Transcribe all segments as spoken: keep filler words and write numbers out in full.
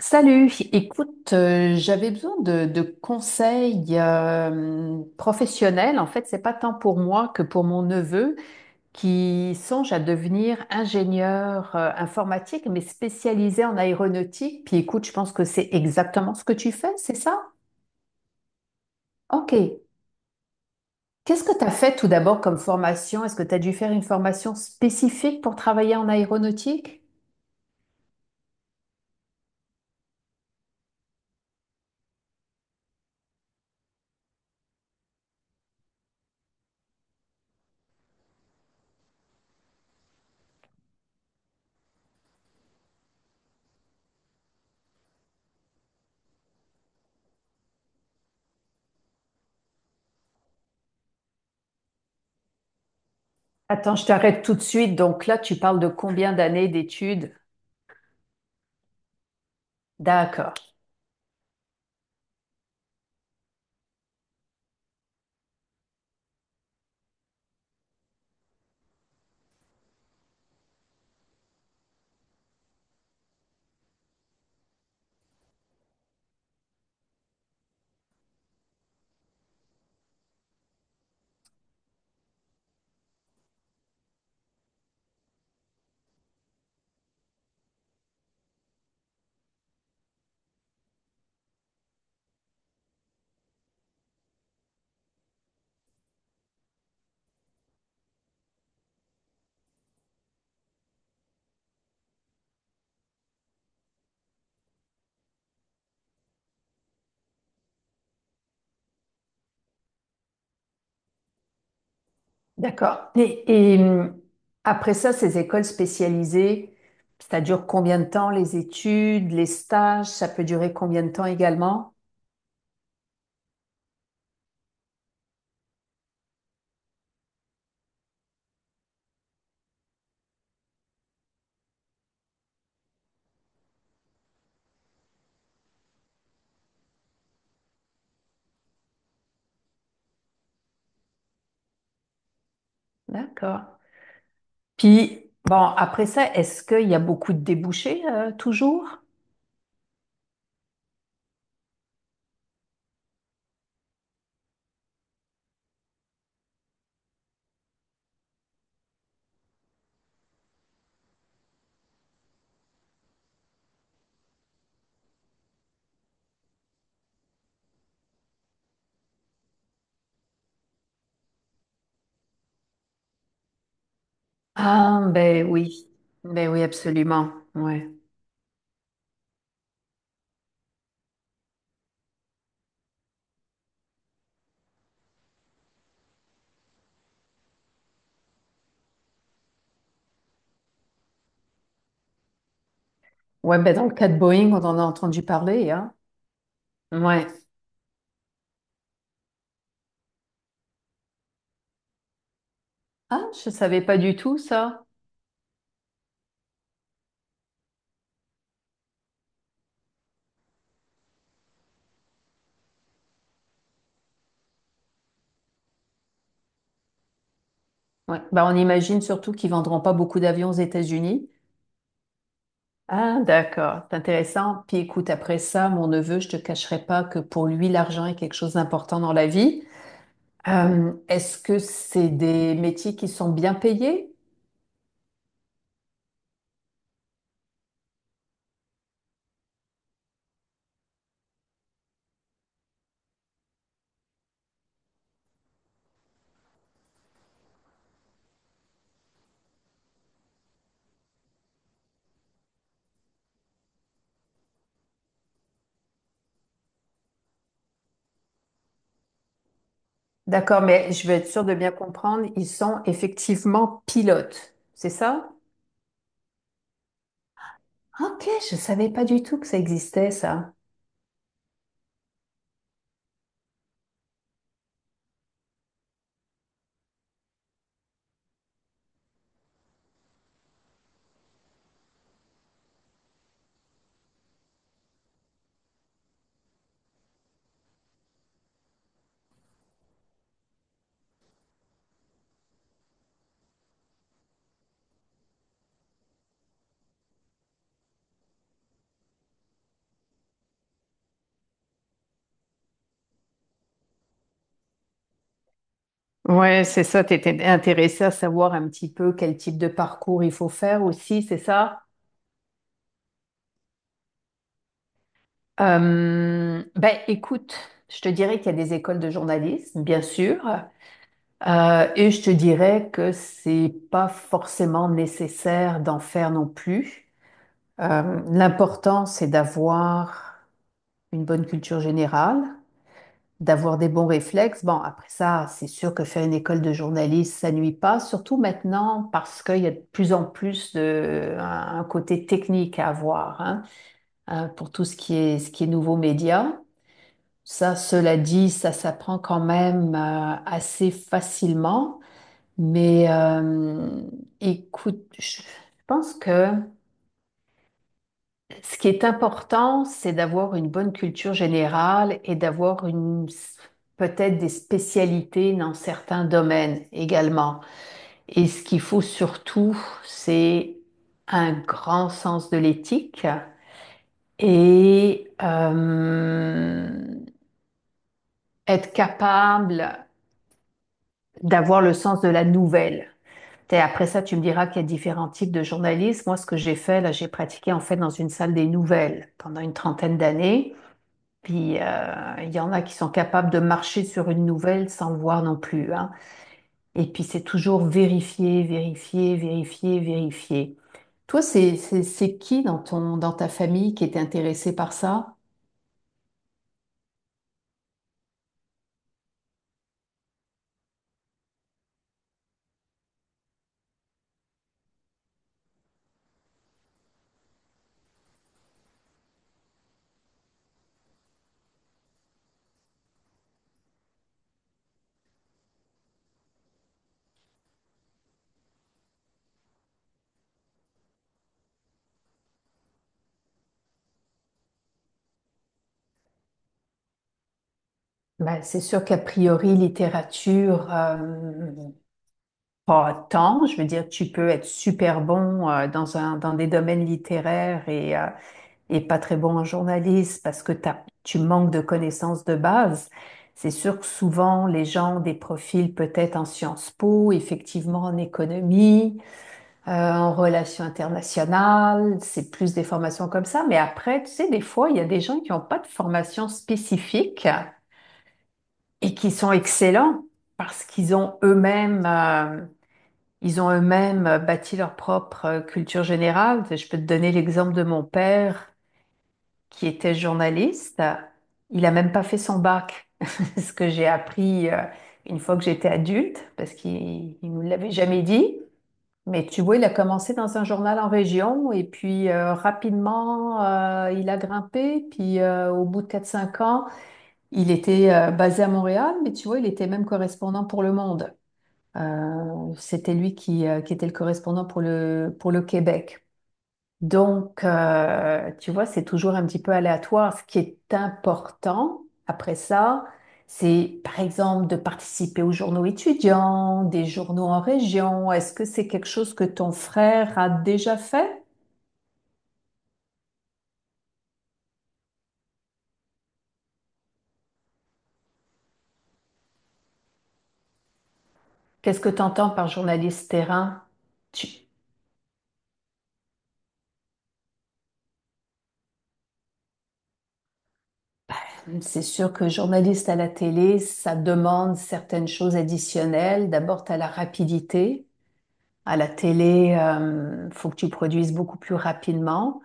Salut, écoute, euh, j'avais besoin de, de conseils euh, professionnels. En fait, c'est pas tant pour moi que pour mon neveu qui songe à devenir ingénieur euh, informatique, mais spécialisé en aéronautique. Puis écoute, je pense que c'est exactement ce que tu fais, c'est ça? OK. Qu'est-ce que tu as fait tout d'abord comme formation? Est-ce que tu as dû faire une formation spécifique pour travailler en aéronautique? Attends, je t'arrête tout de suite. Donc là, tu parles de combien d'années d'études? D'accord. D'accord. Et, et, hum, après ça, ces écoles spécialisées, ça dure combien de temps les études, les stages, ça peut durer combien de temps également? D'accord. Puis, bon, après ça, est-ce qu'il y a beaucoup de débouchés euh, toujours? Ah, ben oui. Ben oui, absolument. Ouais. Ouais, ben dans le cas de Boeing, on en a entendu parler, hein? Ouais. Ah, je savais pas du tout ça. Ouais. Ben, on imagine surtout qu'ils vendront pas beaucoup d'avions aux États-Unis. Ah, d'accord, c'est intéressant. Puis écoute, après ça, mon neveu, je te cacherai pas que pour lui, l'argent est quelque chose d'important dans la vie. Euh, est-ce que c'est des métiers qui sont bien payés? D'accord, mais je veux être sûre de bien comprendre, ils sont effectivement pilotes, c'est ça? Ok, je savais pas du tout que ça existait, ça. Ouais, c'est ça, tu étais intéressée à savoir un petit peu quel type de parcours il faut faire aussi, c'est ça? Euh, ben, écoute, je te dirais qu'il y a des écoles de journalisme, bien sûr, euh, et je te dirais que c'est pas forcément nécessaire d'en faire non plus. Euh, l'important, c'est d'avoir une bonne culture générale, d'avoir des bons réflexes. Bon, après ça, c'est sûr que faire une école de journalisme, ça nuit pas, surtout maintenant parce qu'il y a de plus en plus de, un un côté technique à avoir, hein, euh, pour tout ce qui est, ce qui est nouveaux médias. Ça, cela dit, ça s'apprend quand même euh, assez facilement. Mais euh, écoute, je pense que ce qui est important, c'est d'avoir une bonne culture générale et d'avoir une peut-être des spécialités dans certains domaines également. Et ce qu'il faut surtout, c'est un grand sens de l'éthique et euh, être capable d'avoir le sens de la nouvelle. T'es- après ça, tu me diras qu'il y a différents types de journalisme. Moi, ce que j'ai fait, là, j'ai pratiqué en fait dans une salle des nouvelles pendant une trentaine d'années. Puis, euh, il y en a qui sont capables de marcher sur une nouvelle sans le voir non plus, hein. Et puis, c'est toujours vérifier, vérifier, vérifier, vérifier. Toi, c'est, c'est, c'est qui dans ton, dans ta famille qui est intéressé par ça? Ben, c'est sûr qu'a priori, littérature, euh, pas tant. Je veux dire, tu peux être super bon euh, dans un, dans des domaines littéraires et, euh, et pas très bon en journaliste parce que t'as- tu manques de connaissances de base. C'est sûr que souvent, les gens ont des profils peut-être en Sciences Po, effectivement en économie, euh, en relations internationales, c'est plus des formations comme ça. Mais après, tu sais, des fois, il y a des gens qui n'ont pas de formation spécifique et qui sont excellents parce qu'ils ont eux-mêmes euh, ils ont eux-mêmes euh, bâti leur propre euh, culture générale. Je peux te donner l'exemple de mon père qui était journaliste. Il a même pas fait son bac, ce que j'ai appris euh, une fois que j'étais adulte, parce qu'il ne nous l'avait jamais dit. Mais tu vois, il a commencé dans un journal en région et puis euh, rapidement, euh, il a grimpé. Puis euh, au bout de quatre cinq ans, il était euh, basé à Montréal, mais tu vois, il était même correspondant pour Le Monde. Euh, c'était lui qui, euh, qui était le correspondant pour le, pour le Québec. Donc, euh, tu vois, c'est toujours un petit peu aléatoire. Ce qui est important après ça, c'est par exemple de participer aux journaux étudiants, des journaux en région. Est-ce que c'est quelque chose que ton frère a déjà fait? Qu'est-ce que tu entends par journaliste terrain? Tu- C'est sûr que journaliste à la télé, ça demande certaines choses additionnelles. D'abord, tu as la rapidité. À la télé, euh, faut que tu produises beaucoup plus rapidement.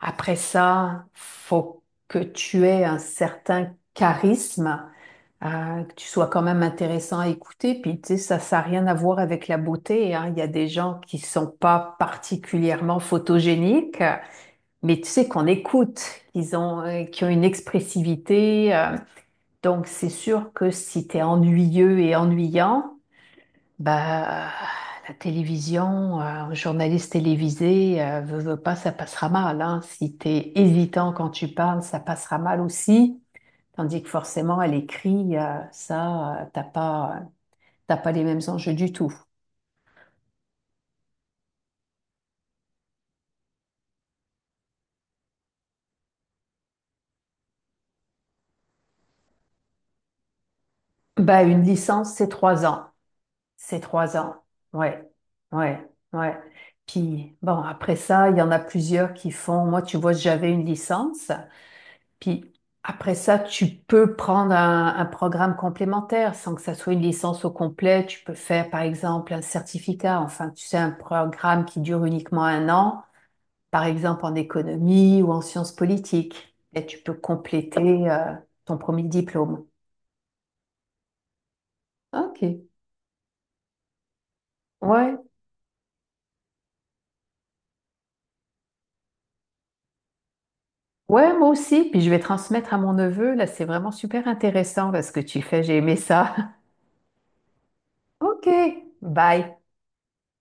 Après ça, faut que tu aies un certain charisme, euh, que tu sois quand même intéressant à écouter. Puis, tu sais, ça, ça n'a rien à voir avec la beauté, hein. Il y a des gens qui sont pas particulièrement photogéniques, mais tu sais qu'on écoute, qu'ils ont, euh, qui ont une expressivité. euh. Donc, c'est sûr que si tu es ennuyeux et ennuyant, bah, la télévision, euh, un journaliste télévisé, euh, veux, veux pas, ça passera mal, hein. Si t'es hésitant quand tu parles, ça passera mal aussi. Tandis que forcément, à l'écrit, euh, ça, euh, t'as pas, euh, t'as pas les mêmes enjeux du tout. Bah, une licence, c'est trois ans. C'est trois ans. Ouais. Ouais. Ouais. Puis, bon, après ça, il y en a plusieurs qui font. Moi, tu vois, j'avais une licence. Puis après ça, tu peux prendre un, un programme complémentaire sans que ça soit une licence au complet. Tu peux faire, par exemple, un certificat, enfin, tu sais, un programme qui dure uniquement un an, par exemple en économie ou en sciences politiques. Et tu peux compléter euh, ton premier diplôme. Ok. Ouais. Ouais, moi aussi. Puis je vais transmettre à mon neveu. Là, c'est vraiment super intéressant là, ce que tu fais. J'ai aimé ça. Ok. Bye.